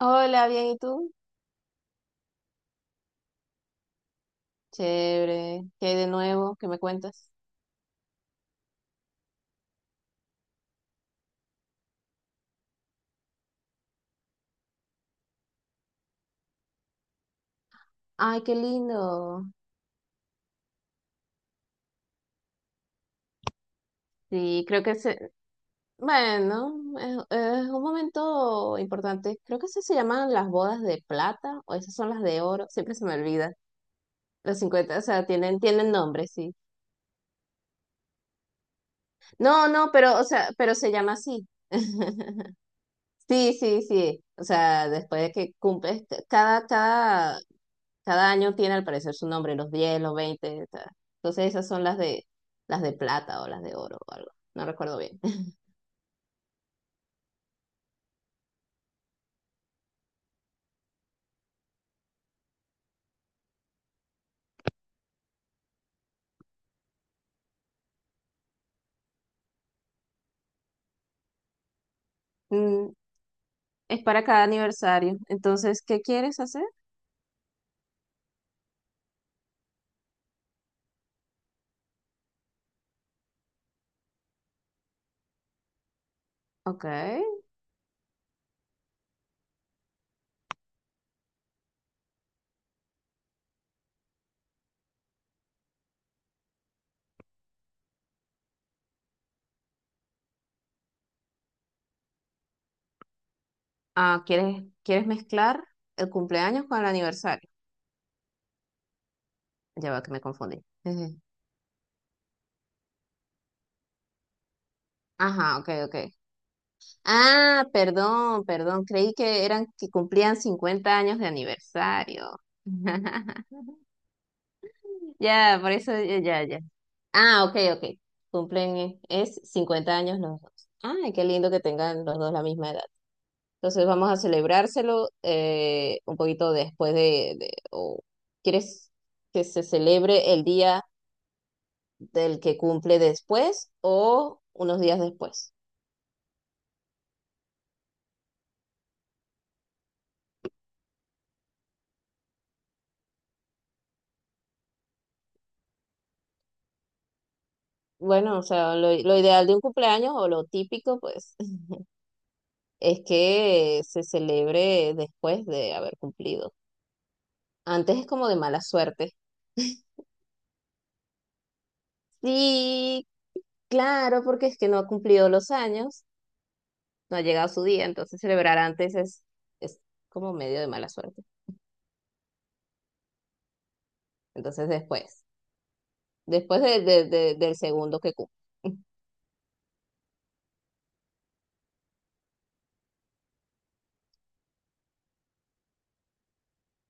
Hola, bien, ¿y tú? Chévere. ¿Qué hay de nuevo? ¿Qué me cuentas? Ay, qué lindo. Sí, creo que se... Bueno, es un momento importante. Creo que esas se llaman las bodas de plata o esas son las de oro. Siempre se me olvida. Los 50, o sea, tienen nombre, sí. No, no, pero, o sea, pero se llama así. Sí, sí, sí. O sea, después de que cumples, cada, cada Cada año tiene al parecer su nombre, los 10 los 20 ta. Entonces esas son las de plata o las de oro o algo. No recuerdo bien. Mm, Es para cada aniversario. Entonces, ¿qué quieres hacer? Ok. Ah, ¿quieres mezclar el cumpleaños con el aniversario? Ya va que me confundí. Ujú. Ajá, ok, ok. Ah, perdón, perdón. Creí que eran que cumplían 50 años de aniversario. Ya, por eso, ya, ya. Ah, ok, ok. Cumplen, es 50 años los dos. Ay, qué lindo que tengan los dos la misma edad. Entonces vamos a celebrárselo, un poquito después o ¿quieres que se celebre el día del que cumple después o unos días después? Bueno, o sea, lo ideal de un cumpleaños o lo típico, pues, es que se celebre después de haber cumplido. Antes es como de mala suerte. Sí, claro, porque es que no ha cumplido los años, no ha llegado su día, entonces celebrar antes es como medio de mala suerte. Entonces después, después del segundo que cumple.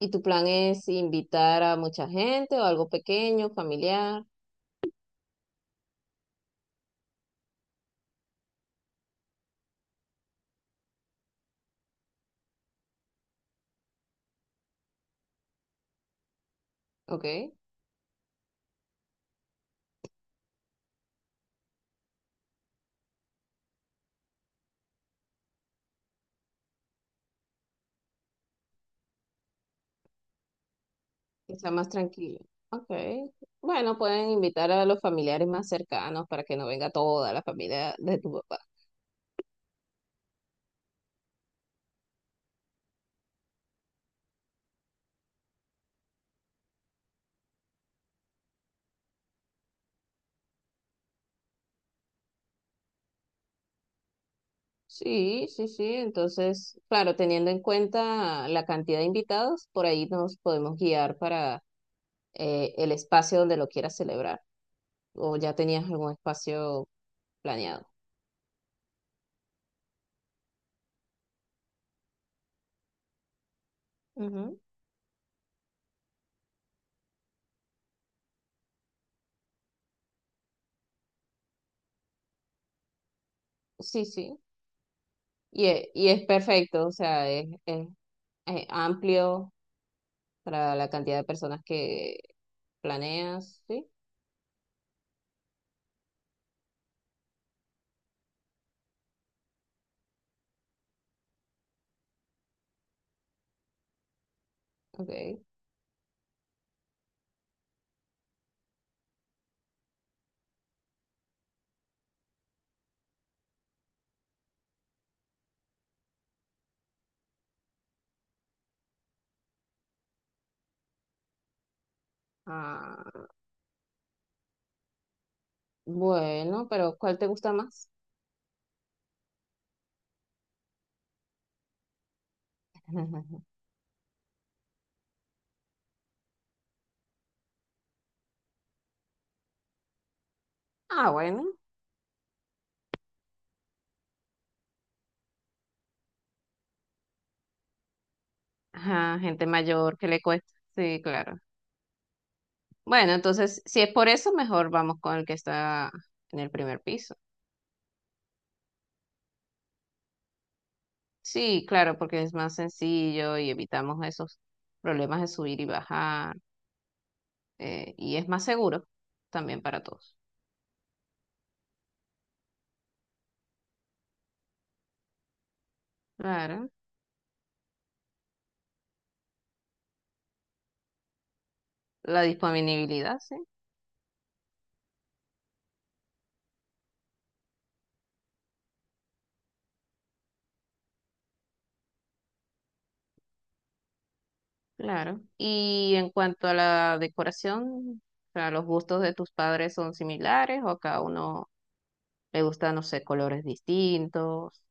¿Y tu plan es invitar a mucha gente o algo pequeño, familiar? Ok, que sea más tranquilo. Ok, bueno, pueden invitar a los familiares más cercanos para que no venga toda la familia de tu papá. Sí, sí, sí. Entonces, claro, teniendo en cuenta la cantidad de invitados, por ahí nos podemos guiar para, el espacio donde lo quieras celebrar. O ya tenías algún espacio planeado. Ujú. Sí, sí. Y, y es perfecto, o sea, es amplio para la cantidad de personas que planeas, ¿sí? Ok. Ah, bueno, pero ¿cuál te gusta más? Ah, bueno. Ajá, gente mayor, ¿que le cuesta? Sí, claro. Bueno, entonces, si es por eso, mejor vamos con el que está en el primer piso. Sí, claro, porque es más sencillo y evitamos esos problemas de subir y bajar, y es más seguro también para todos. Claro, la disponibilidad, sí, claro. Y en cuanto a la decoración, o sea, ¿los gustos de tus padres son similares o a cada uno le gusta, no sé, colores distintos,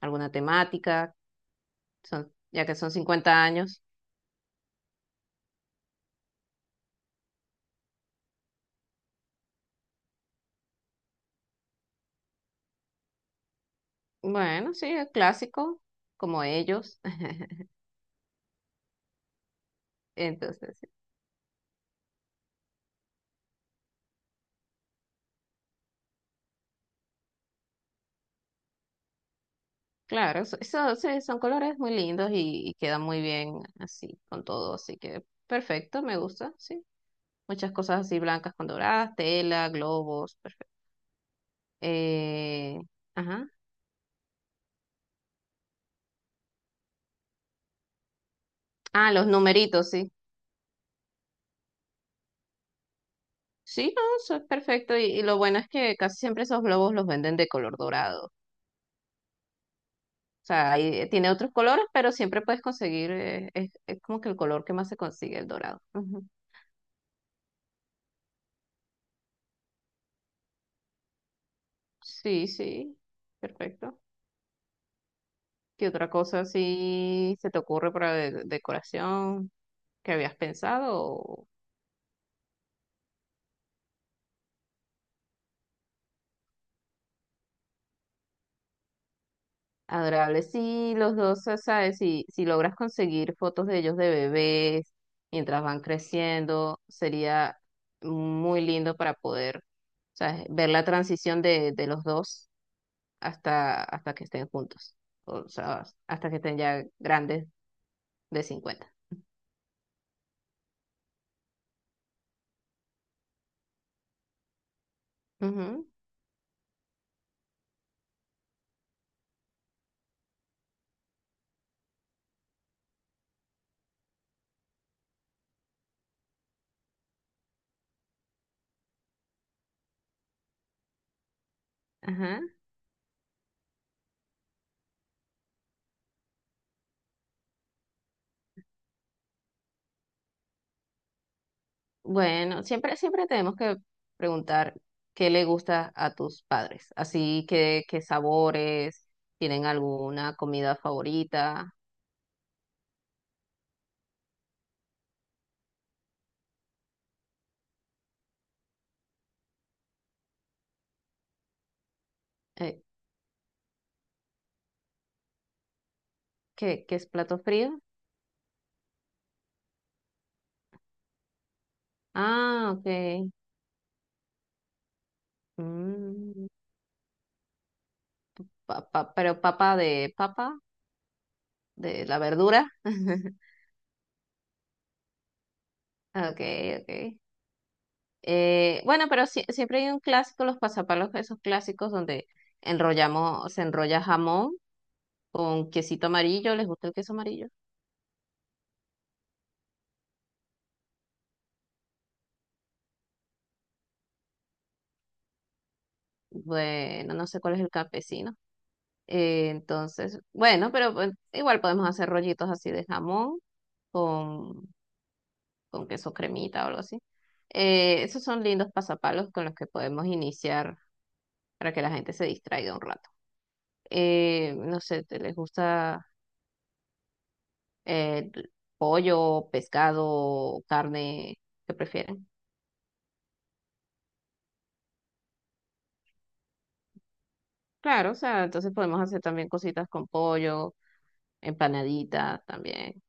alguna temática, son, ya que son 50 años? Bueno, sí, es clásico, como ellos. Entonces, sí, claro, sí, son colores muy lindos y quedan muy bien así, con todo. Así que perfecto, me gusta, sí. Muchas cosas así blancas con doradas, tela, globos, perfecto. Eh, ajá. Ah, los numeritos, sí. Sí, no, eso es perfecto. Y lo bueno es que casi siempre esos globos los venden de color dorado. O sea, ahí tiene otros colores, pero siempre puedes conseguir, es como que el color que más se consigue, el dorado. Ujú. Sí, sí, perfecto. ¿Qué otra cosa así se te ocurre para decoración que habías pensado? O adorable, sí, los dos, o sea, ¿sabes? Si logras conseguir fotos de ellos de bebés mientras van creciendo, sería muy lindo para poder, ¿sabes? Ver la transición de los dos hasta, hasta que estén juntos, o sea, hasta que estén ya grandes de 50. Ujú. Ajá. Bueno, siempre, siempre tenemos que preguntar qué le gusta a tus padres, así que qué sabores, tienen alguna comida favorita, eh, ¿qué es plato frío? Ah, ok. Mm, pero papa, de la verdura. Okay, okay. Bueno, pero siempre hay un clásico, los pasapalos, esos clásicos donde enrollamos, se enrolla jamón con quesito amarillo, ¿les gusta el queso amarillo? Bueno, no sé cuál es el campesino. Entonces, bueno, pero pues, igual podemos hacer rollitos así de jamón con, con queso cremita o algo así. Esos son lindos pasapalos con los que podemos iniciar para que la gente se distraiga un rato. No sé, ¿te les gusta, eh, pollo, pescado, carne? ¿Qué prefieren? Claro, o sea, entonces podemos hacer también cositas con pollo, empanaditas también.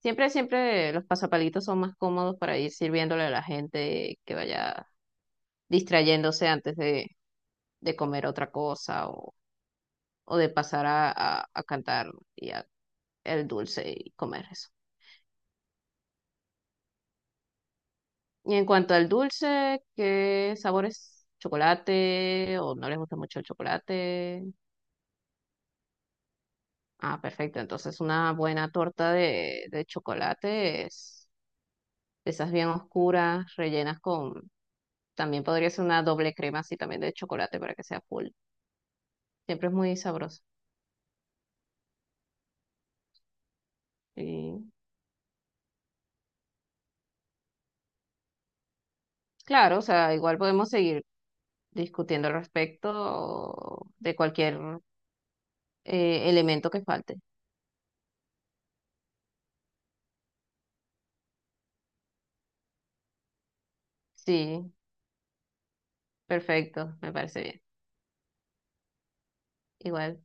Siempre, siempre los pasapalitos son más cómodos para ir sirviéndole a la gente que vaya distrayéndose antes de comer otra cosa, o de pasar a, a cantar y el dulce y comer eso. Y en cuanto al dulce, ¿qué sabores? ¿Chocolate? ¿O no les gusta mucho el chocolate? Ah, perfecto. Entonces una buena torta de chocolate es de esas bien oscuras, rellenas con... También podría ser una doble crema así también de chocolate para que sea full. Siempre es muy sabroso. Y claro, o sea, igual podemos seguir discutiendo al respecto de cualquier, elemento que falte. Sí, perfecto, me parece bien. Igual.